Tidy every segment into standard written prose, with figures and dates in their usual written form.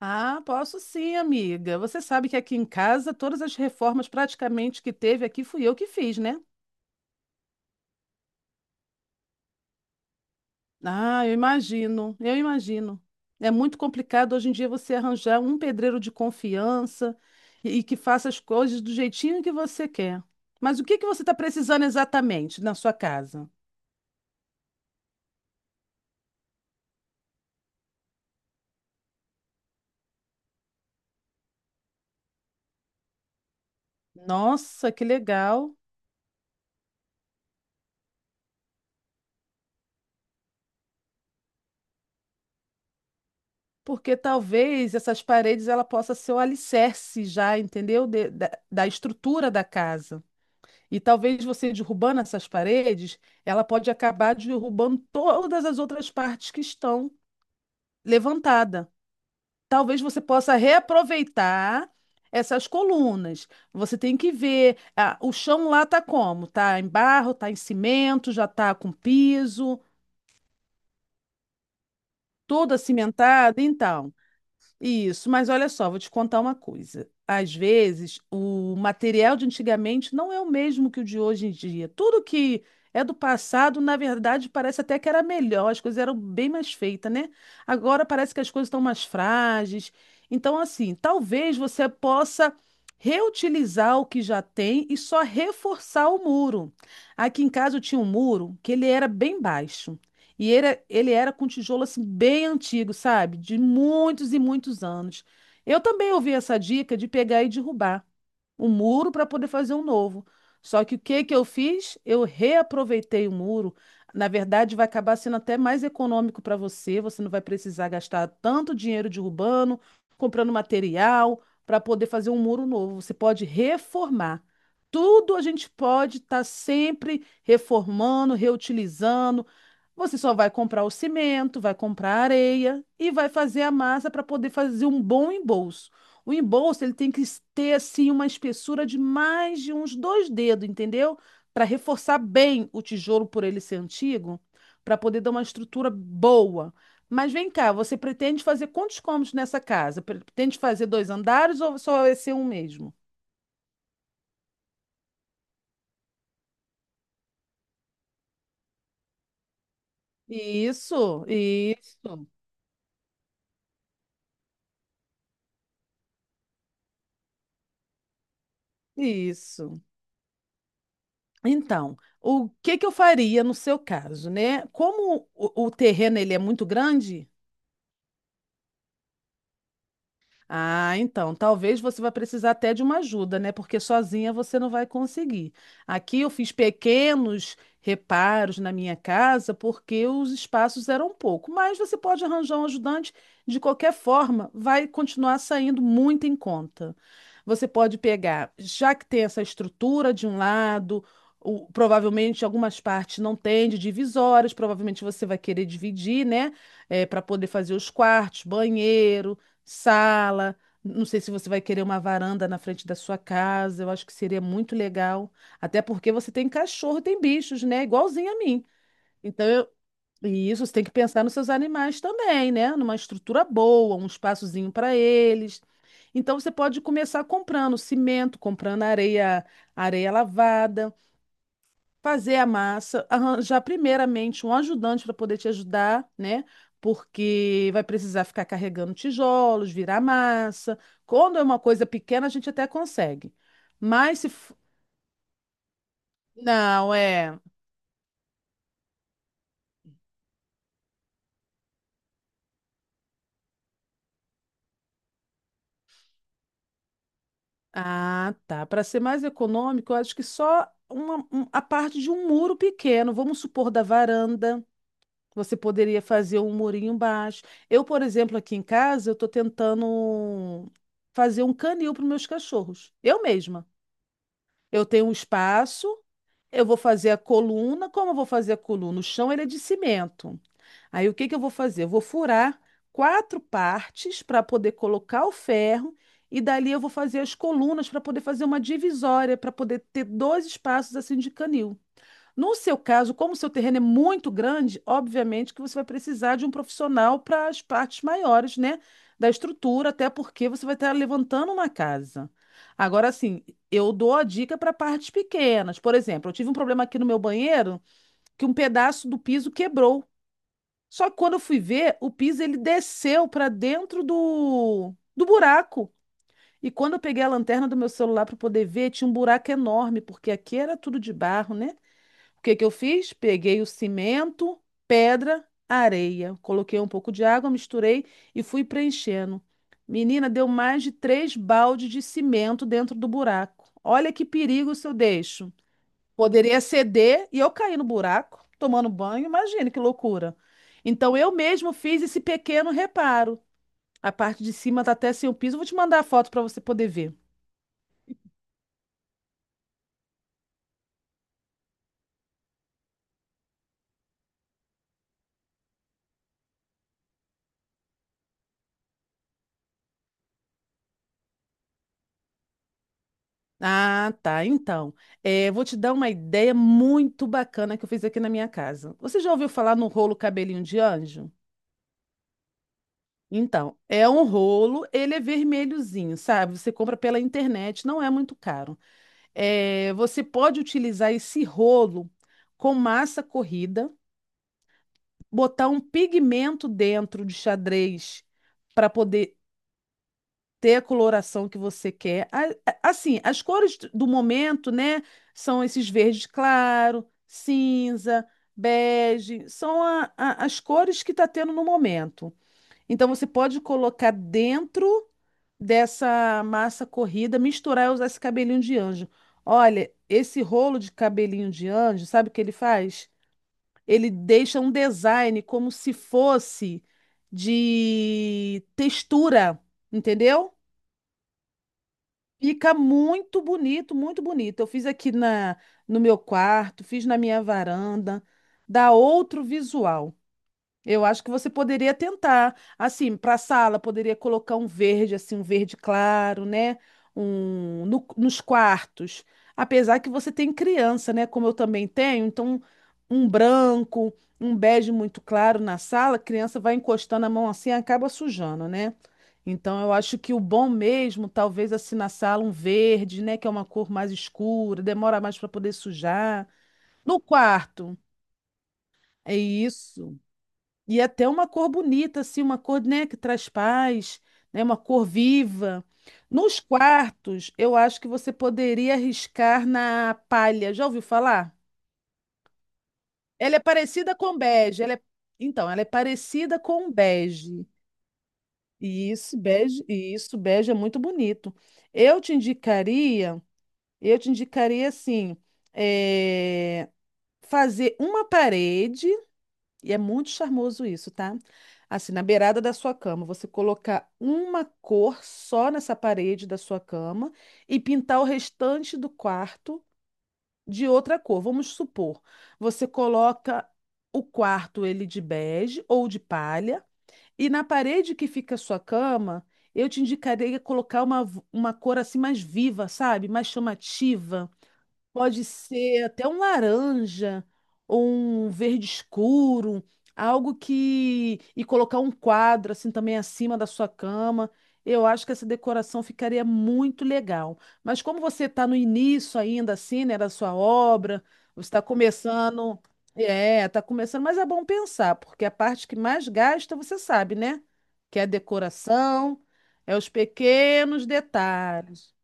Ah, posso sim, amiga. Você sabe que aqui em casa todas as reformas praticamente que teve aqui fui eu que fiz, né? Ah, eu imagino. É muito complicado hoje em dia você arranjar um pedreiro de confiança e que faça as coisas do jeitinho que você quer. Mas o que que você está precisando exatamente na sua casa? Nossa, que legal! Porque talvez essas paredes ela possa ser o alicerce já, entendeu? Da da estrutura da casa. E talvez você derrubando essas paredes, ela pode acabar derrubando todas as outras partes que estão levantadas. Talvez você possa reaproveitar essas colunas. Você tem que ver, ah, o chão lá tá como? Tá em barro, tá em cimento, já tá com piso, toda cimentada, então. Isso, mas olha só, vou te contar uma coisa. Às vezes, o material de antigamente não é o mesmo que o de hoje em dia. Tudo que é do passado, na verdade, parece até que era melhor, as coisas eram bem mais feitas, né? Agora parece que as coisas estão mais frágeis. Então, assim, talvez você possa reutilizar o que já tem e só reforçar o muro. Aqui em casa eu tinha um muro que ele era bem baixo. E ele, ele era com tijolo assim bem antigo, sabe? De muitos e muitos anos. Eu também ouvi essa dica de pegar e derrubar o muro para poder fazer um novo. Só que o que que eu fiz? Eu reaproveitei o muro. Na verdade, vai acabar sendo até mais econômico para você. Você não vai precisar gastar tanto dinheiro derrubando, comprando material para poder fazer um muro novo. Você pode reformar. Tudo a gente pode estar sempre reformando, reutilizando, você só vai comprar o cimento, vai comprar a areia e vai fazer a massa para poder fazer um bom embolso. O embolso ele tem que ter assim uma espessura de mais de uns dois dedos, entendeu? Para reforçar bem o tijolo por ele ser antigo, para poder dar uma estrutura boa. Mas vem cá, você pretende fazer quantos cômodos nessa casa? Pretende fazer dois andares ou só vai ser um mesmo? Isso, isso, isso. Então, o que que eu faria no seu caso, né? Como o terreno ele é muito grande. Ah, então, talvez você vai precisar até de uma ajuda, né? Porque sozinha você não vai conseguir. Aqui eu fiz pequenos reparos na minha casa porque os espaços eram pouco, mas você pode arranjar um ajudante, de qualquer forma, vai continuar saindo muito em conta. Você pode pegar, já que tem essa estrutura de um lado, provavelmente algumas partes não têm de divisórias, provavelmente você vai querer dividir, né? Para poder fazer os quartos, banheiros, sala. Não sei se você vai querer uma varanda na frente da sua casa. Eu acho que seria muito legal. Até porque você tem cachorro, tem bichos, né? Igualzinho a mim. Então, eu... e isso, você tem que pensar nos seus animais também, né? Numa estrutura boa, um espaçozinho para eles. Então, você pode começar comprando cimento, comprando areia, areia lavada, fazer a massa, arranjar primeiramente um ajudante para poder te ajudar, né? Porque vai precisar ficar carregando tijolos, virar massa. Quando é uma coisa pequena, a gente até consegue. Mas se. F- Não, é. Ah, tá. Para ser mais econômico, eu acho que só a parte de um muro pequeno, vamos supor, da varanda. Você poderia fazer um murinho baixo. Eu, por exemplo, aqui em casa, eu estou tentando fazer um canil para meus cachorros. Eu mesma. Eu tenho um espaço, eu vou fazer a coluna. Como eu vou fazer a coluna? O chão ele é de cimento. Aí o que que eu vou fazer? Eu vou furar quatro partes para poder colocar o ferro e dali eu vou fazer as colunas para poder fazer uma divisória, para poder ter dois espaços assim de canil. No seu caso, como o seu terreno é muito grande, obviamente que você vai precisar de um profissional para as partes maiores, né, da estrutura, até porque você vai estar levantando uma casa. Agora, assim, eu dou a dica para partes pequenas. Por exemplo, eu tive um problema aqui no meu banheiro que um pedaço do piso quebrou. Só que quando eu fui ver, o piso ele desceu para dentro do buraco. E quando eu peguei a lanterna do meu celular para poder ver, tinha um buraco enorme, porque aqui era tudo de barro, né? O que que eu fiz? Peguei o cimento, pedra, areia. Coloquei um pouco de água, misturei e fui preenchendo. Menina, deu mais de três baldes de cimento dentro do buraco. Olha que perigo se eu deixo. Poderia ceder e eu cair no buraco, tomando banho. Imagine que loucura. Então, eu mesmo fiz esse pequeno reparo. A parte de cima está até sem o piso. Eu vou te mandar a foto para você poder ver. Ah, tá. Então, vou te dar uma ideia muito bacana que eu fiz aqui na minha casa. Você já ouviu falar no rolo cabelinho de anjo? Então, é um rolo, ele é vermelhozinho, sabe? Você compra pela internet, não é muito caro. Você pode utilizar esse rolo com massa corrida, botar um pigmento dentro de xadrez para poder ter a coloração que você quer. Assim, as cores do momento, né, são esses verde claro, cinza, bege, são as cores que está tendo no momento. Então você pode colocar dentro dessa massa corrida, misturar e usar esse cabelinho de anjo. Olha, esse rolo de cabelinho de anjo, sabe o que ele faz? Ele deixa um design como se fosse de textura, entendeu? Fica muito bonito, muito bonito. Eu fiz no meu quarto, fiz na minha varanda, dá outro visual. Eu acho que você poderia tentar, assim, para a sala, poderia colocar um verde, assim, um verde claro, né? Nos quartos, apesar que você tem criança, né? Como eu também tenho, então um branco, um bege muito claro na sala, a criança vai encostando a mão assim e acaba sujando, né? Então eu acho que o bom mesmo, talvez assim na sala, um verde, né? Que é uma cor mais escura, demora mais para poder sujar. No quarto, é isso. E é até uma cor bonita, assim, uma cor, né, que traz paz, né, uma cor viva. Nos quartos, eu acho que você poderia arriscar na palha. Já ouviu falar? Ela é parecida com bege. Ela é... Então, ela é parecida com bege. E isso, bege, e isso, bege é muito bonito. Eu te indicaria, eu te indicaria assim, eh, fazer uma parede. E é muito charmoso isso, tá? Assim, na beirada da sua cama, você colocar uma cor só nessa parede da sua cama e pintar o restante do quarto de outra cor. Vamos supor, você coloca o quarto ele de bege ou de palha e na parede que fica a sua cama, eu te indicaria colocar uma cor assim mais viva, sabe? Mais chamativa. Pode ser até um laranja ou um verde escuro, algo que. E colocar um quadro assim também acima da sua cama. Eu acho que essa decoração ficaria muito legal. Mas como você está no início ainda, assim, né, da sua obra, você está começando. É, está começando, mas é bom pensar, porque a parte que mais gasta, você sabe, né? Que é a decoração, é os pequenos detalhes.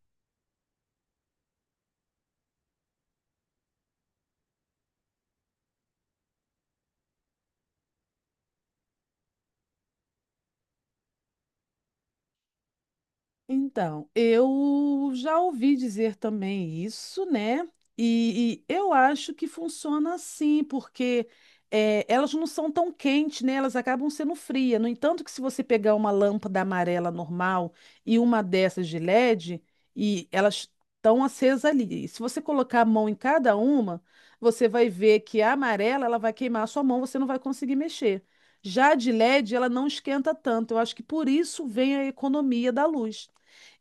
Então, eu já ouvi dizer também isso, né? E eu acho que funciona assim, porque elas não são tão quentes, né? Elas acabam sendo frias. No entanto, que se você pegar uma lâmpada amarela normal e uma dessas de LED, e elas estão acesas ali. E se você colocar a mão em cada uma, você vai ver que a amarela ela vai queimar a sua mão, você não vai conseguir mexer. Já a de LED, ela não esquenta tanto. Eu acho que por isso vem a economia da luz.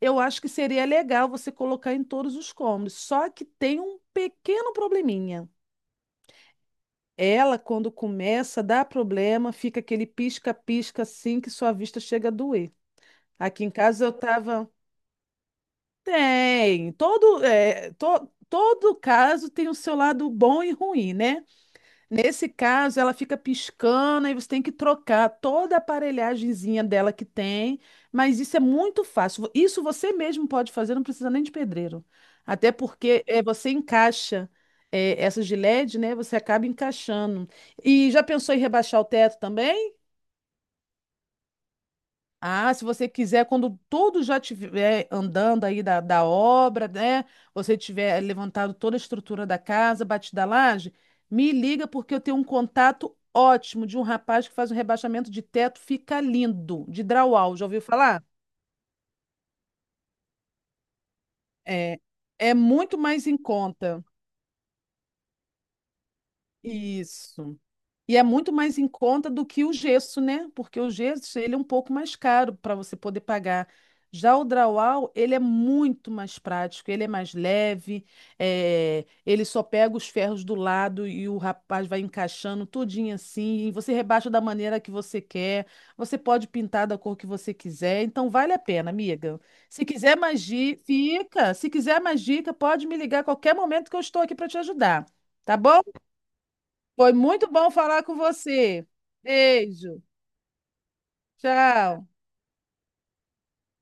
Eu acho que seria legal você colocar em todos os cômodos, só que tem um pequeno probleminha. Ela, quando começa, dá problema, fica aquele pisca-pisca assim que sua vista chega a doer. Aqui em casa eu tava. Tem, todo, todo caso tem o seu lado bom e ruim, né? Nesse caso, ela fica piscando e você tem que trocar toda a aparelhagemzinha dela que tem, mas isso é muito fácil. Isso você mesmo pode fazer, não precisa nem de pedreiro. Até porque é, você encaixa é, essas de LED, né? Você acaba encaixando. E já pensou em rebaixar o teto também? Ah, se você quiser, quando tudo já estiver andando aí da obra, né? Você tiver levantado toda a estrutura da casa, batida a laje, me liga porque eu tenho um contato ótimo de um rapaz que faz um rebaixamento de teto, fica lindo, de drywall, já ouviu falar? É, é muito mais em conta. Isso. E é muito mais em conta do que o gesso, né? Porque o gesso, ele é um pouco mais caro para você poder pagar. Já o drywall, ele é muito mais prático, ele é mais leve, ele só pega os ferros do lado e o rapaz vai encaixando tudinho assim, e você rebaixa da maneira que você quer, você pode pintar da cor que você quiser, então vale a pena, amiga. Se quiser mais dica, se quiser mais dica, pode me ligar a qualquer momento que eu estou aqui para te ajudar, tá bom? Foi muito bom falar com você. Beijo. Tchau.